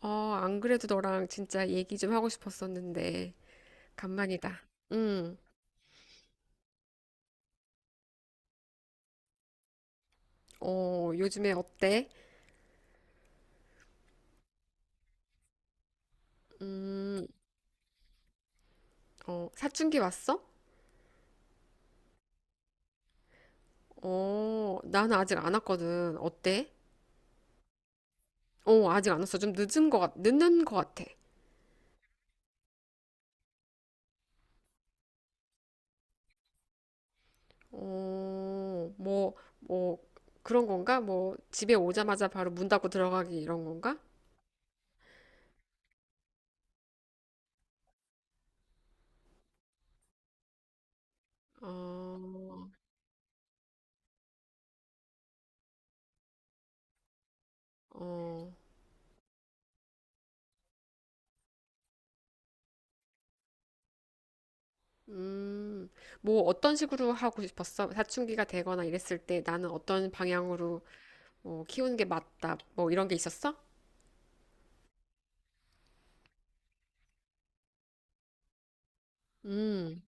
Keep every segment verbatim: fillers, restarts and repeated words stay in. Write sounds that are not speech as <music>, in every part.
어, 안 그래도 너랑 진짜 얘기 좀 하고 싶었었는데, 간만이다. 응, 어, 요즘에 어때? 음, 어, 사춘기 왔어? 어, 나는 아직 안 왔거든. 어때? 어, 아직 안 왔어. 좀 늦은 것 같, 늦는 것 같아. 어, 뭐, 뭐, 그런 건가? 뭐, 집에 오자마자 바로 문 닫고 들어가기 이런 건가? 어, 어, 음, 뭐, 어떤 식으로 하고 싶었어? 사춘기가 되거나 이랬을 때 나는 어떤 방향으로 뭐 키우는 게 맞다. 뭐 이런 게 있었어? 음,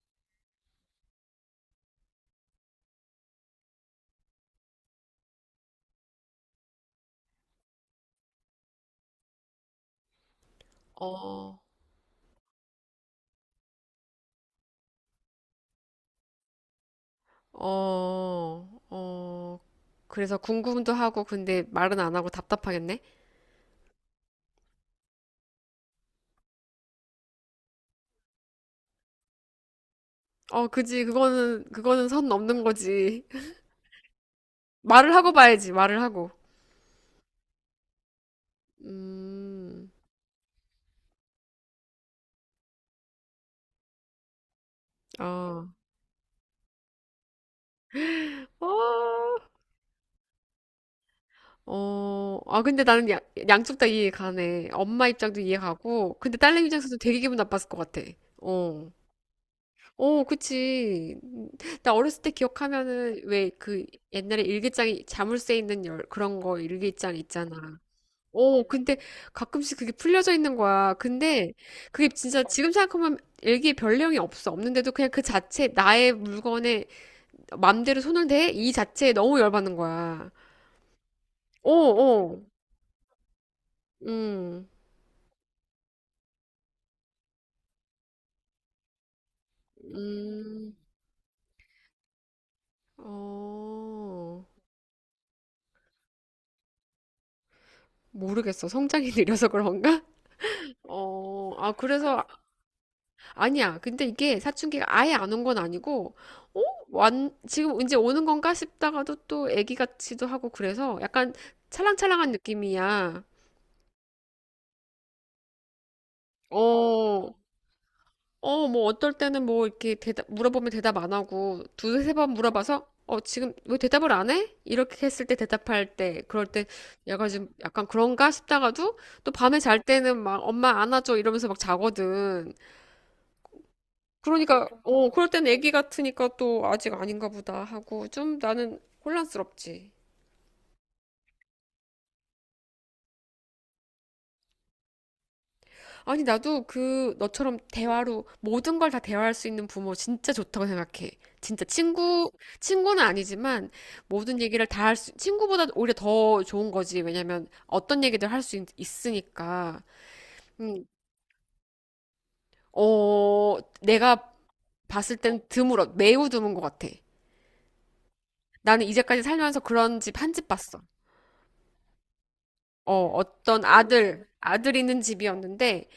어, 어, 어. 그래서 궁금도 하고 근데 말은 안 하고 답답하겠네. 어, 그지. 그거는 그거는 선 넘는 거지. <laughs> 말을 하고 봐야지. 말을 하고. 음. 어. 어. 어. 아, 근데 나는 야, 양쪽 다 이해 가네. 엄마 입장도 이해 가고 근데 딸내미 입장에서도 되게 기분 나빴을 것 같아. 어. 어, 그치. 음, 나 어렸을 때 기억하면은 왜 그 옛날에 일기장에 자물쇠 있는 열 그런 거 일기장 있잖아. 어, 근데 가끔씩 그게 풀려져 있는 거야. 근데 그게 진짜 지금 생각하면 일기에 별 내용이 없어. 없는데도 그냥 그 자체 나의 물건에 맘대로 손을 대? 이 자체에 너무 열받는 거야. 오, 오, 음. 음. 어. 모르겠어. 성장이 <laughs> 느려서 그런가? 어, 아, 그래서 아니야. 근데 이게 사춘기가 아예 안 온 건 아니고, 어? 완, 지금 이제 오는 건가 싶다가도 또 애기 같기도 하고 그래서 약간 찰랑찰랑한 느낌이야. 어, 어, 뭐 어떨 때는 뭐 이렇게 대답, 물어보면 대답 안 하고 두세 세번 물어봐서 어, 지금 왜 대답을 안 해? 이렇게 했을 때 대답할 때, 그럴 때 약간 좀 약간 그런가 싶다가도 또 밤에 잘 때는 막 엄마 안아줘 이러면서 막 자거든. 그러니까, 어, 그럴 땐 애기 같으니까 또 아직 아닌가 보다 하고 좀 나는 혼란스럽지. 아니, 나도 그 너처럼 대화로 모든 걸 다 대화할 수 있는 부모 진짜 좋다고 생각해. 진짜 친구, 친구는 아니지만 모든 얘기를 다 할 수, 친구보다 오히려 더 좋은 거지. 왜냐면 어떤 얘기들 할 수 있으니까. 음, 어, 내가 봤을 땐 드물어. 매우 드문 것 같아. 나는 이제까지 살면서 그런 집 한 집 봤어. 어, 어떤 아들, 아들 있는 집이었는데,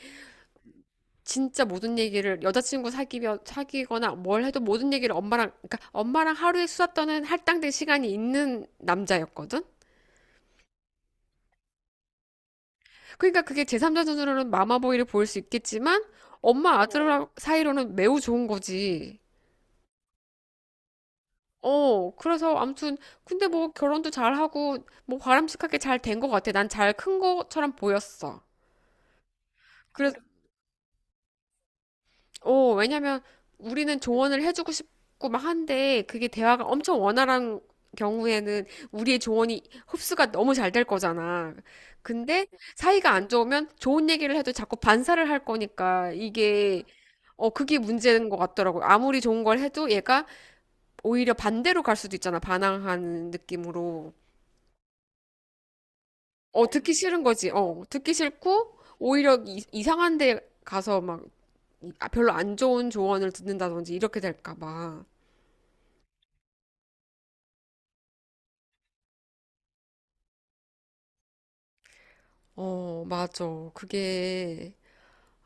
진짜 모든 얘기를, 여자친구 사귀면 사귀거나 뭘 해도 모든 얘기를 엄마랑, 그러니까 엄마랑 하루에 수다 떠는 할당된 시간이 있는 남자였거든? 그러니까 그게 제3자 눈으로는 마마보이를 보일 수 있겠지만, 엄마 아들 사이로는 매우 좋은 거지. 어, 그래서 아무튼, 근데 뭐 결혼도 잘하고, 뭐 바람직하게 잘 된 것 같아. 난 잘 큰 것처럼 보였어. 그래서 어, 왜냐면 우리는 조언을 해주고 싶고 막 한데 그게 대화가 엄청 원활한 경우에는 우리의 조언이 흡수가 너무 잘 될 거잖아. 근데 사이가 안 좋으면 좋은 얘기를 해도 자꾸 반사를 할 거니까 이게 어, 그게 문제인 것 같더라고요. 아무리 좋은 걸 해도 얘가 오히려 반대로 갈 수도 있잖아. 반항하는 느낌으로. 어, 듣기 싫은 거지. 어, 듣기 싫고, 오히려 이, 이상한 데 가서 막 이- 아, 별로 안 좋은 조언을 듣는다든지 이렇게 될까 봐. 어, 맞아. 그게,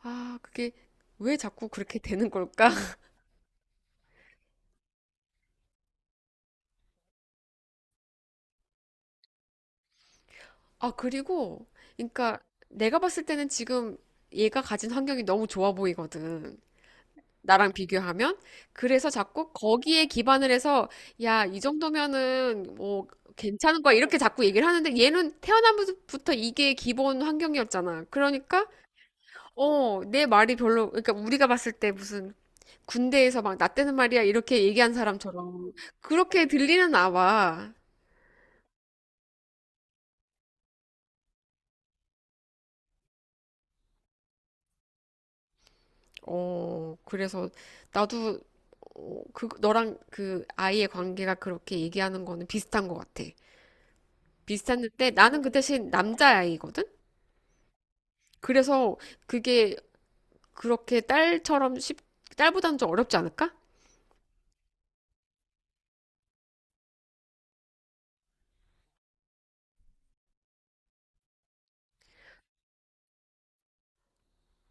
아, 그게 왜 자꾸 그렇게 되는 걸까? <laughs> 아, 그리고, 그러니까 내가 봤을 때는 지금 얘가 가진 환경이 너무 좋아 보이거든. 나랑 비교하면. 그래서 자꾸 거기에 기반을 해서, 야, 이 정도면은 뭐 괜찮은 거야. 이렇게 자꾸 얘기를 하는데 얘는 태어나부터 이게 기본 환경이었잖아. 그러니까, 어, 내 말이 별로, 그러니까 우리가 봤을 때 무슨 군대에서 막 나 때는 말이야 이렇게 얘기한 사람처럼 그렇게 들리는 나와. 어, 그래서 나도 어, 그 너랑 그 아이의 관계가 그렇게 얘기하는 거는 비슷한 것 같아. 비슷했는데 나는 그 대신 남자아이거든? 그래서 그게 그렇게 딸처럼 쉽, 딸보다는 좀 어렵지 않을까?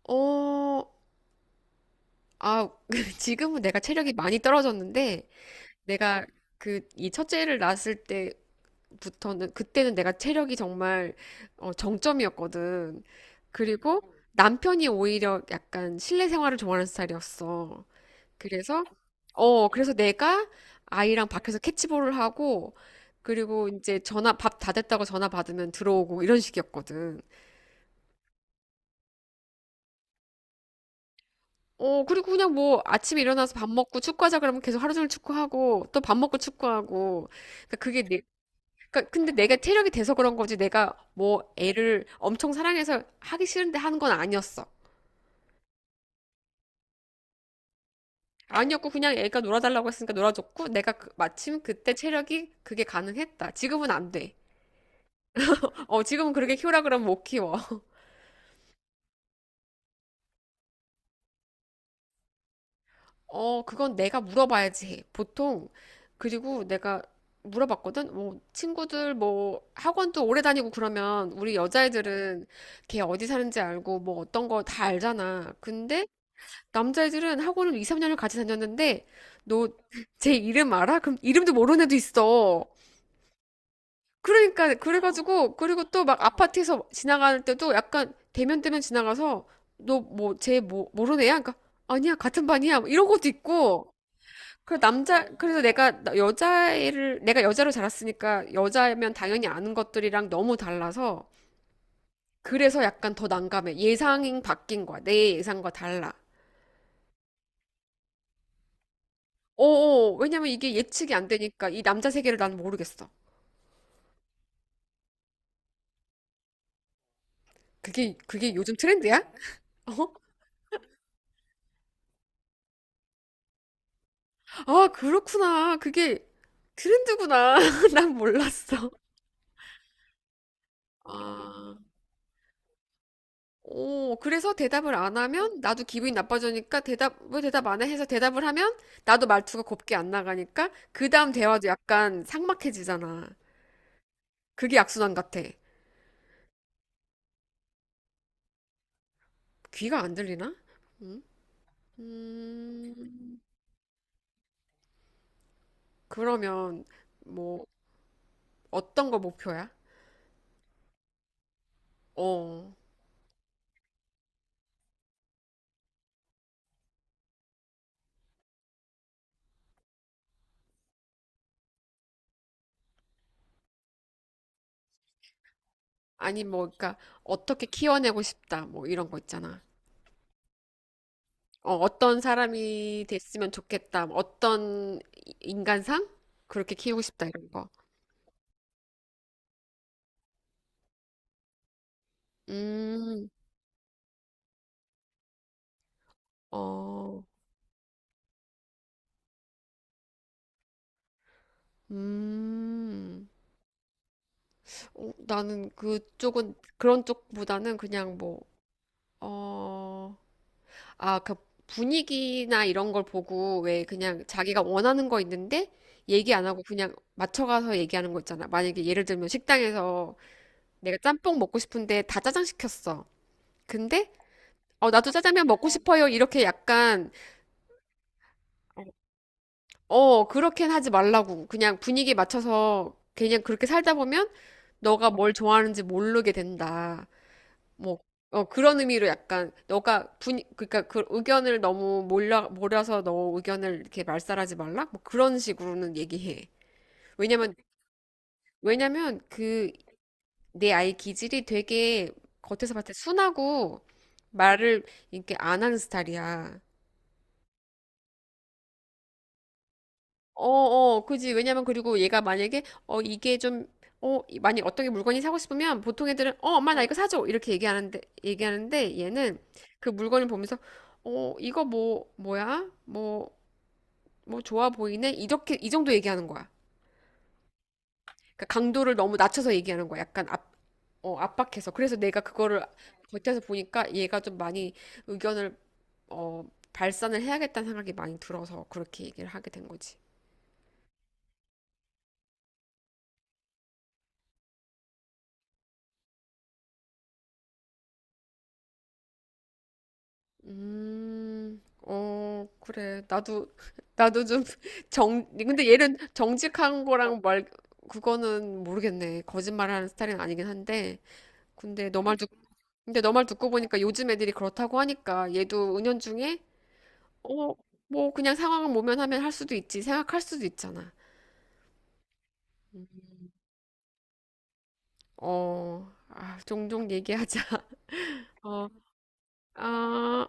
어, 아, <laughs> 지금은 내가 체력이 많이 떨어졌는데 내가 그 이 첫째를 낳았을 때 부터는 그때는 내가 체력이 정말 어, 정점이었거든. 그리고 남편이 오히려 약간 실내 생활을 좋아하는 스타일이었어. 그래서 어 그래서 내가 아이랑 밖에서 캐치볼을 하고 그리고 이제 전화 밥 다 됐다고 전화 받으면 들어오고 이런 식이었거든. 어 그리고 그냥 뭐 아침에 일어나서 밥 먹고 축구하자 그러면 계속 하루 종일 축구하고 또 밥 먹고 축구하고 그러니까 그게 그러니까 근데 내가 체력이 돼서 그런 거지 내가 뭐 애를 엄청 사랑해서 하기 싫은데 하는 건 아니었어. 아니었고 그냥 애가 놀아달라고 했으니까 놀아줬고 내가 그- 마침 그때 체력이 그게 가능했다. 지금은 안 돼. 어, 지금은 그렇게 키우라 그러면 못 키워. <laughs> 어, 그건 내가 물어봐야지 해. 보통 그리고 내가 물어봤거든. 뭐 친구들 뭐 학원도 오래 다니고 그러면 우리 여자애들은 걔 어디 사는지 알고 뭐 어떤 거 다 알잖아. 근데 남자애들은 학원을 이삼 년을 같이 다녔는데, 너 제 이름 알아? 그럼 이름도 모르는 애도 있어. 그러니까, 그래가지고, 그리고 또 막 아파트에서 지나갈 때도 약간 대면대면 지나가서, 너 뭐, 쟤 뭐, 모르는 애야? 그러니까, 아니야, 같은 반이야. 뭐 이런 것도 있고. 그래서 남자, 그래서 내가 나- 여자애를, 내가 여자로 자랐으니까 여자면 당연히 아는 것들이랑 너무 달라서, 그래서 약간 더 난감해. 예상이 바뀐 거야. 내 예상과 달라. 어어, 왜냐면 이게 예측이 안 되니까 이 남자 세계를 난 모르겠어. 그게, 그게 요즘 트렌드야? <laughs> 어? 아, 그렇구나. 그게 트렌드구나. <laughs> 난 몰랐어. 아. 오, 그래서 대답을 안 하면 나도 기분이 나빠지니까 대답, 왜 대답 안 해? 해서 대답을 하면 나도 말투가 곱게 안 나가니까 그 다음 대화도 약간 삭막해지잖아. 그게 악순환 같아. 귀가 안 들리나? 음, 음, 그러면 뭐 어떤 거 목표야? 어. 아니 뭐 그러니까 어떻게 키워내고 싶다 뭐 이런 거 있잖아. 어, 어떤 사람이 됐으면 좋겠다. 뭐 어떤 이- 인간상 그렇게 키우고 싶다 이런 거. 음, 어, 음. 어, 나는 그쪽은 그런 쪽보다는 그냥 뭐 어, 아, 그 분위기나 이런 걸 보고 왜 그냥 자기가 원하는 거 있는데 얘기 안 하고 그냥 맞춰가서 얘기하는 거 있잖아. 만약에 예를 들면 식당에서 내가 짬뽕 먹고 싶은데 다 짜장 시켰어. 근데 어, 나도 짜장면 먹고 싶어요. 이렇게 약간 어, 그렇게는 하지 말라고. 그냥 분위기에 맞춰서 그냥 그렇게 살다 보면 너가 뭘 좋아하는지 모르게 된다. 뭐 어, 그런 의미로 약간 너가 분 그러니까 그 의견을 너무 몰라 몰아서 너 의견을 이렇게 말살하지 말라. 뭐 그런 식으로는 얘기해. 왜냐면 왜냐면 그 내 아이 기질이 되게 겉에서 봤을 때 순하고 말을 이렇게 안 하는 스타일이야. 어, 어, 그지. 왜냐면 그리고 얘가 만약에 어 이게 좀 어, 이- 만약 어떤 게 물건이 사고 싶으면 보통 애들은 어, 엄마 나 이거 사줘. 이렇게 얘기하는데 얘기하는데 얘는 그 물건을 보면서 어, 이거 뭐 뭐야? 뭐 뭐 좋아 보이네. 이렇게 이 정도 얘기하는 거야. 그러니까 강도를 너무 낮춰서 얘기하는 거야. 약간 압, 어, 압박해서. 그래서 내가 그거를 겉에서 보니까 얘가 좀 많이 의견을 어, 발산을 해야겠다는 생각이 많이 들어서 그렇게 얘기를 하게 된 거지. 음, 어, 그래. 나도, 나도 좀 <laughs> 정, 근데 얘는 정직한 거랑 말, 그거는 모르겠네. 거짓말하는 스타일은 아니긴 한데. 근데 너 말 듣, 근데 너 말 듣고 보니까 요즘 애들이 그렇다고 하니까 얘도 은연중에, 어, 뭐 그냥 상황을 모면하면 할 수도 있지. 생각할 수도 있잖아. 어, 아, 종종 얘기하자. <laughs> 어, 아.